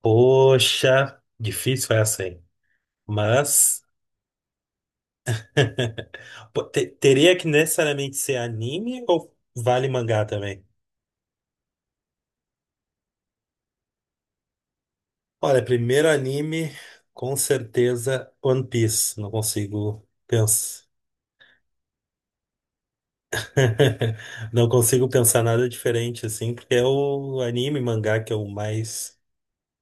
Poxa, difícil essa, hein? Mas pô, teria que necessariamente ser anime ou vale mangá também? Olha, primeiro anime, com certeza One Piece. Não consigo pensar. Não consigo pensar nada diferente assim, porque é o anime mangá que eu mais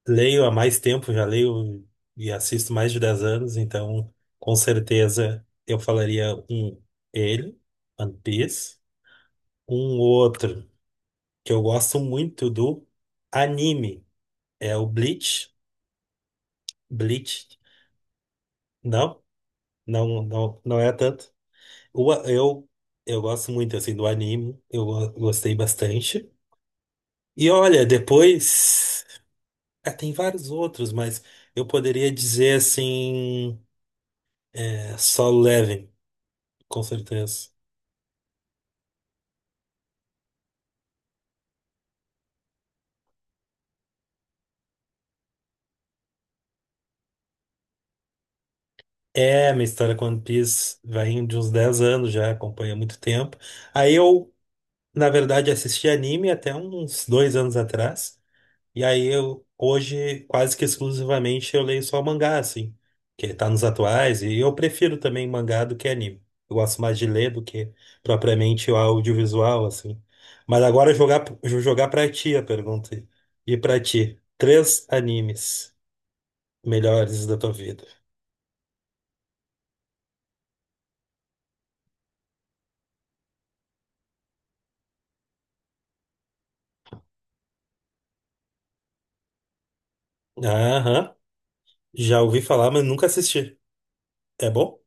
leio há mais tempo, já leio e assisto mais de 10 anos, então com certeza eu falaria um ele, One Piece. Um outro que eu gosto muito do anime é o Bleach. Bleach. Não, não, não, não é tanto. O a- eu, eu gosto muito assim do anime. Gostei bastante. E olha, depois, ah, tem vários outros, mas eu poderia dizer assim. É, Solo Leveling, com certeza. É, minha história com One Piece vai de uns 10 anos já, acompanha há muito tempo. Aí eu Na verdade, assisti anime até uns 2 anos atrás. E aí eu hoje, quase que exclusivamente, eu leio só mangá, assim, que tá nos atuais, e eu prefiro também mangá do que anime. Eu gosto mais de ler do que propriamente o audiovisual, assim. Mas agora eu jogar pra ti a pergunta. E pra ti, três animes melhores da tua vida. Aham, já ouvi falar, mas nunca assisti. É bom?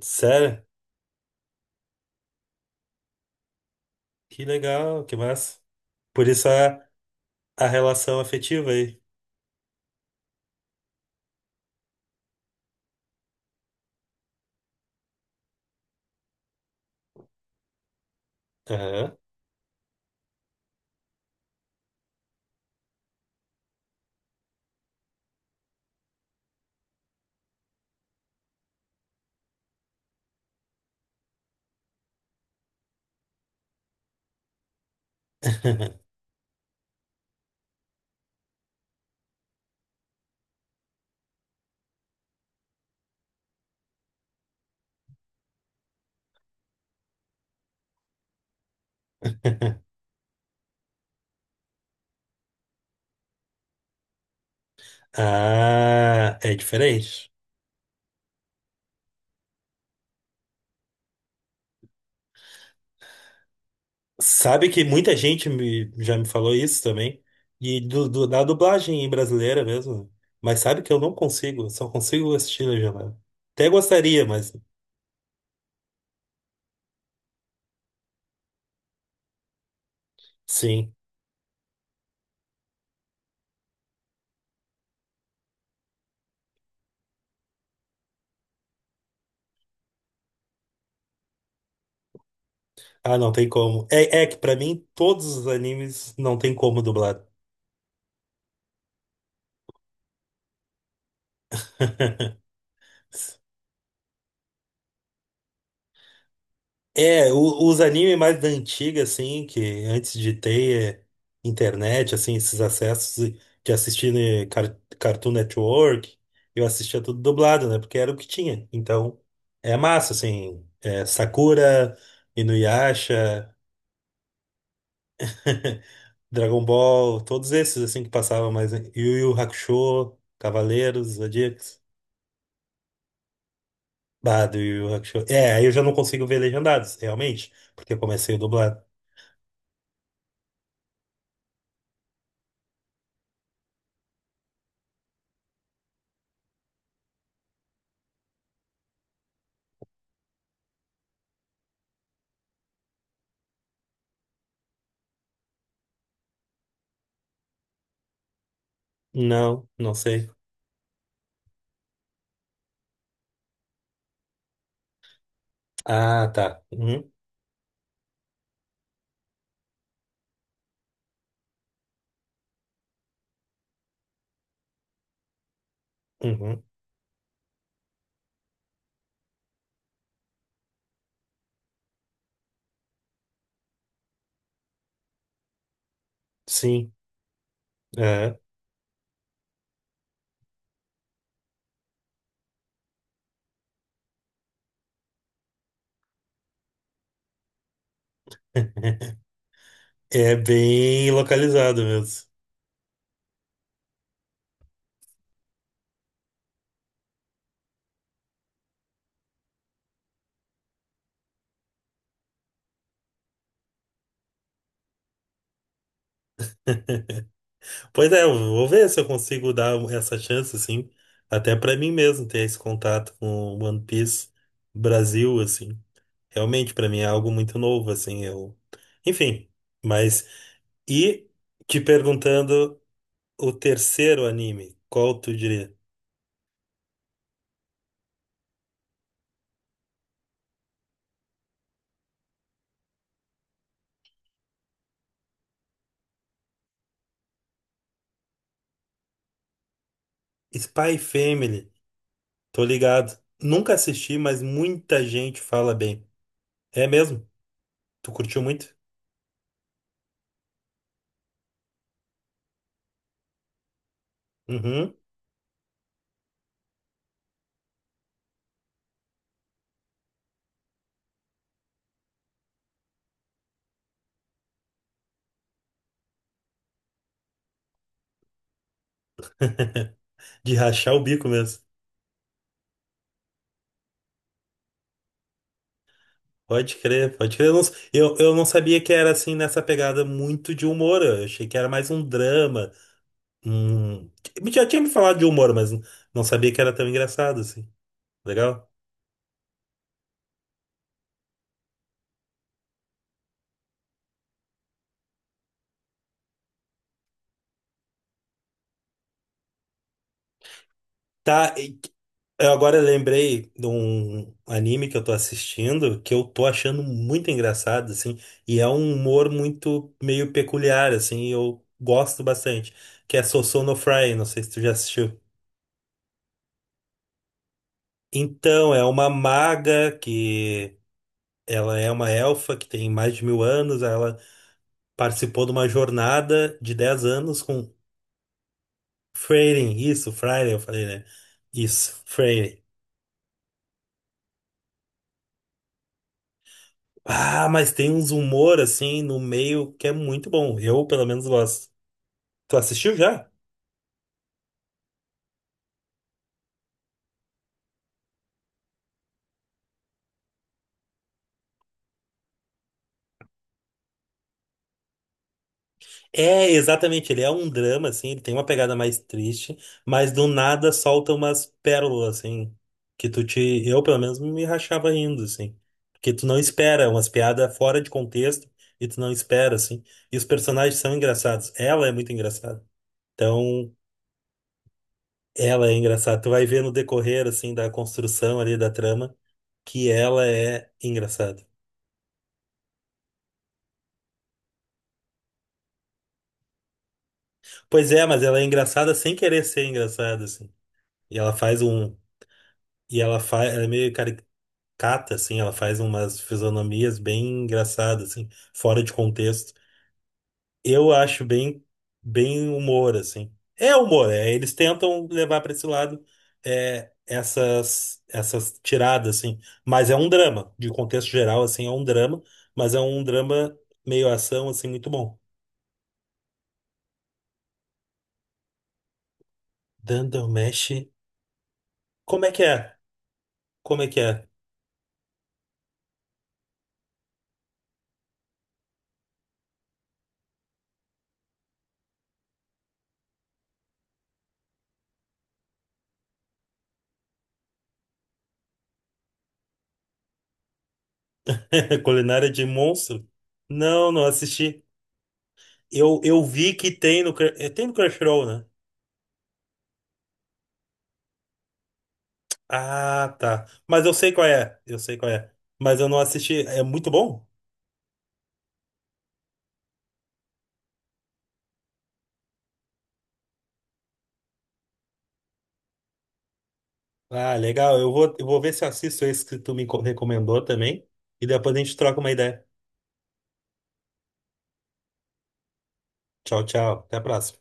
Sério? Que legal, que massa. Por isso a A relação afetiva aí. Aham. Ah, é diferente. Sabe que já me falou isso também. E da dublagem brasileira mesmo. Mas sabe que eu não consigo, só consigo assistir legendado. Até gostaria, mas sim. Ah, não tem como. É, é que pra mim todos os animes não tem como dublar. É, os animes mais da antiga, assim, que antes de ter internet, assim, esses acessos de assistir, né, Cartoon Network, eu assistia tudo dublado, né? Porque era o que tinha. Então, é massa, assim, é, Sakura, Inuyasha, Dragon Ball, todos esses, assim, que passavam mais, né? Yu Yu Hakusho, Cavaleiros, Zodíacos. Bah, do Yu Yu Hakusho. É, aí eu já não consigo ver legendados, realmente, porque eu comecei o dublado. Não, não sei. Ah, tá. Uhum, uhum. Sim. É. É bem localizado mesmo. Pois é, eu vou ver se eu consigo dar essa chance, assim, até pra mim mesmo ter esse contato com One Piece Brasil, assim. Realmente, pra mim é algo muito novo, assim, eu... Enfim, mas... E te perguntando o terceiro anime, qual tu diria? Spy Family, tô ligado. Nunca assisti, mas muita gente fala bem. É mesmo? Tu curtiu muito? Uhum. De rachar o bico mesmo. Pode crer, pode crer. Eu não sabia que era assim nessa pegada muito de humor. Eu achei que era mais um drama. Um... Já tinha me falado de humor, mas não sabia que era tão engraçado assim. Legal? Tá, eu agora lembrei de um anime que eu tô assistindo que eu tô achando muito engraçado, assim, e é um humor muito meio peculiar, assim, e eu gosto bastante, que é Sosou no Fry, não sei se tu já assistiu. Então, é uma maga que ela é uma elfa que tem mais de 1000 anos. Ela participou de uma jornada de 10 anos com Freyrin. Isso, Freyrin, eu falei, né? Isso, Freyrin. Ah, mas tem uns humor assim no meio que é muito bom. Eu, pelo menos, gosto. Tu assistiu já? É, exatamente, ele é um drama, assim, ele tem uma pegada mais triste, mas do nada solta umas pérolas, assim, que tu te... Eu, pelo menos, me rachava rindo, assim. Porque tu não espera, é umas piadas fora de contexto, e tu não espera, assim. E os personagens são engraçados. Ela é muito engraçada. Então, ela é engraçada. Tu vai ver no decorrer, assim, da construção ali da trama, que ela é engraçada. Pois é, mas ela é engraçada sem querer ser engraçada, assim. E ela faz um... E ela faz... Ela é meio caricatura cata, assim, ela faz umas fisionomias bem engraçadas, assim, fora de contexto. Eu acho bem, bem humor, assim. É humor, é, eles tentam levar para esse lado, é, essas tiradas, assim. Mas é um drama, de contexto geral, assim, é um drama, mas é um drama meio ação, assim, muito bom. Dandelmesh, como é que é? Como é que é? Culinária de monstro? Não, não assisti. Eu vi que tem no, é, tem no Crunchyroll, né? Ah, tá. Mas eu sei qual é. Eu sei qual é. Mas eu não assisti. É muito bom? Ah, legal. Eu vou ver se eu assisto esse que tu recomendou também. E depois a gente troca uma ideia. Tchau, tchau. Até a próxima.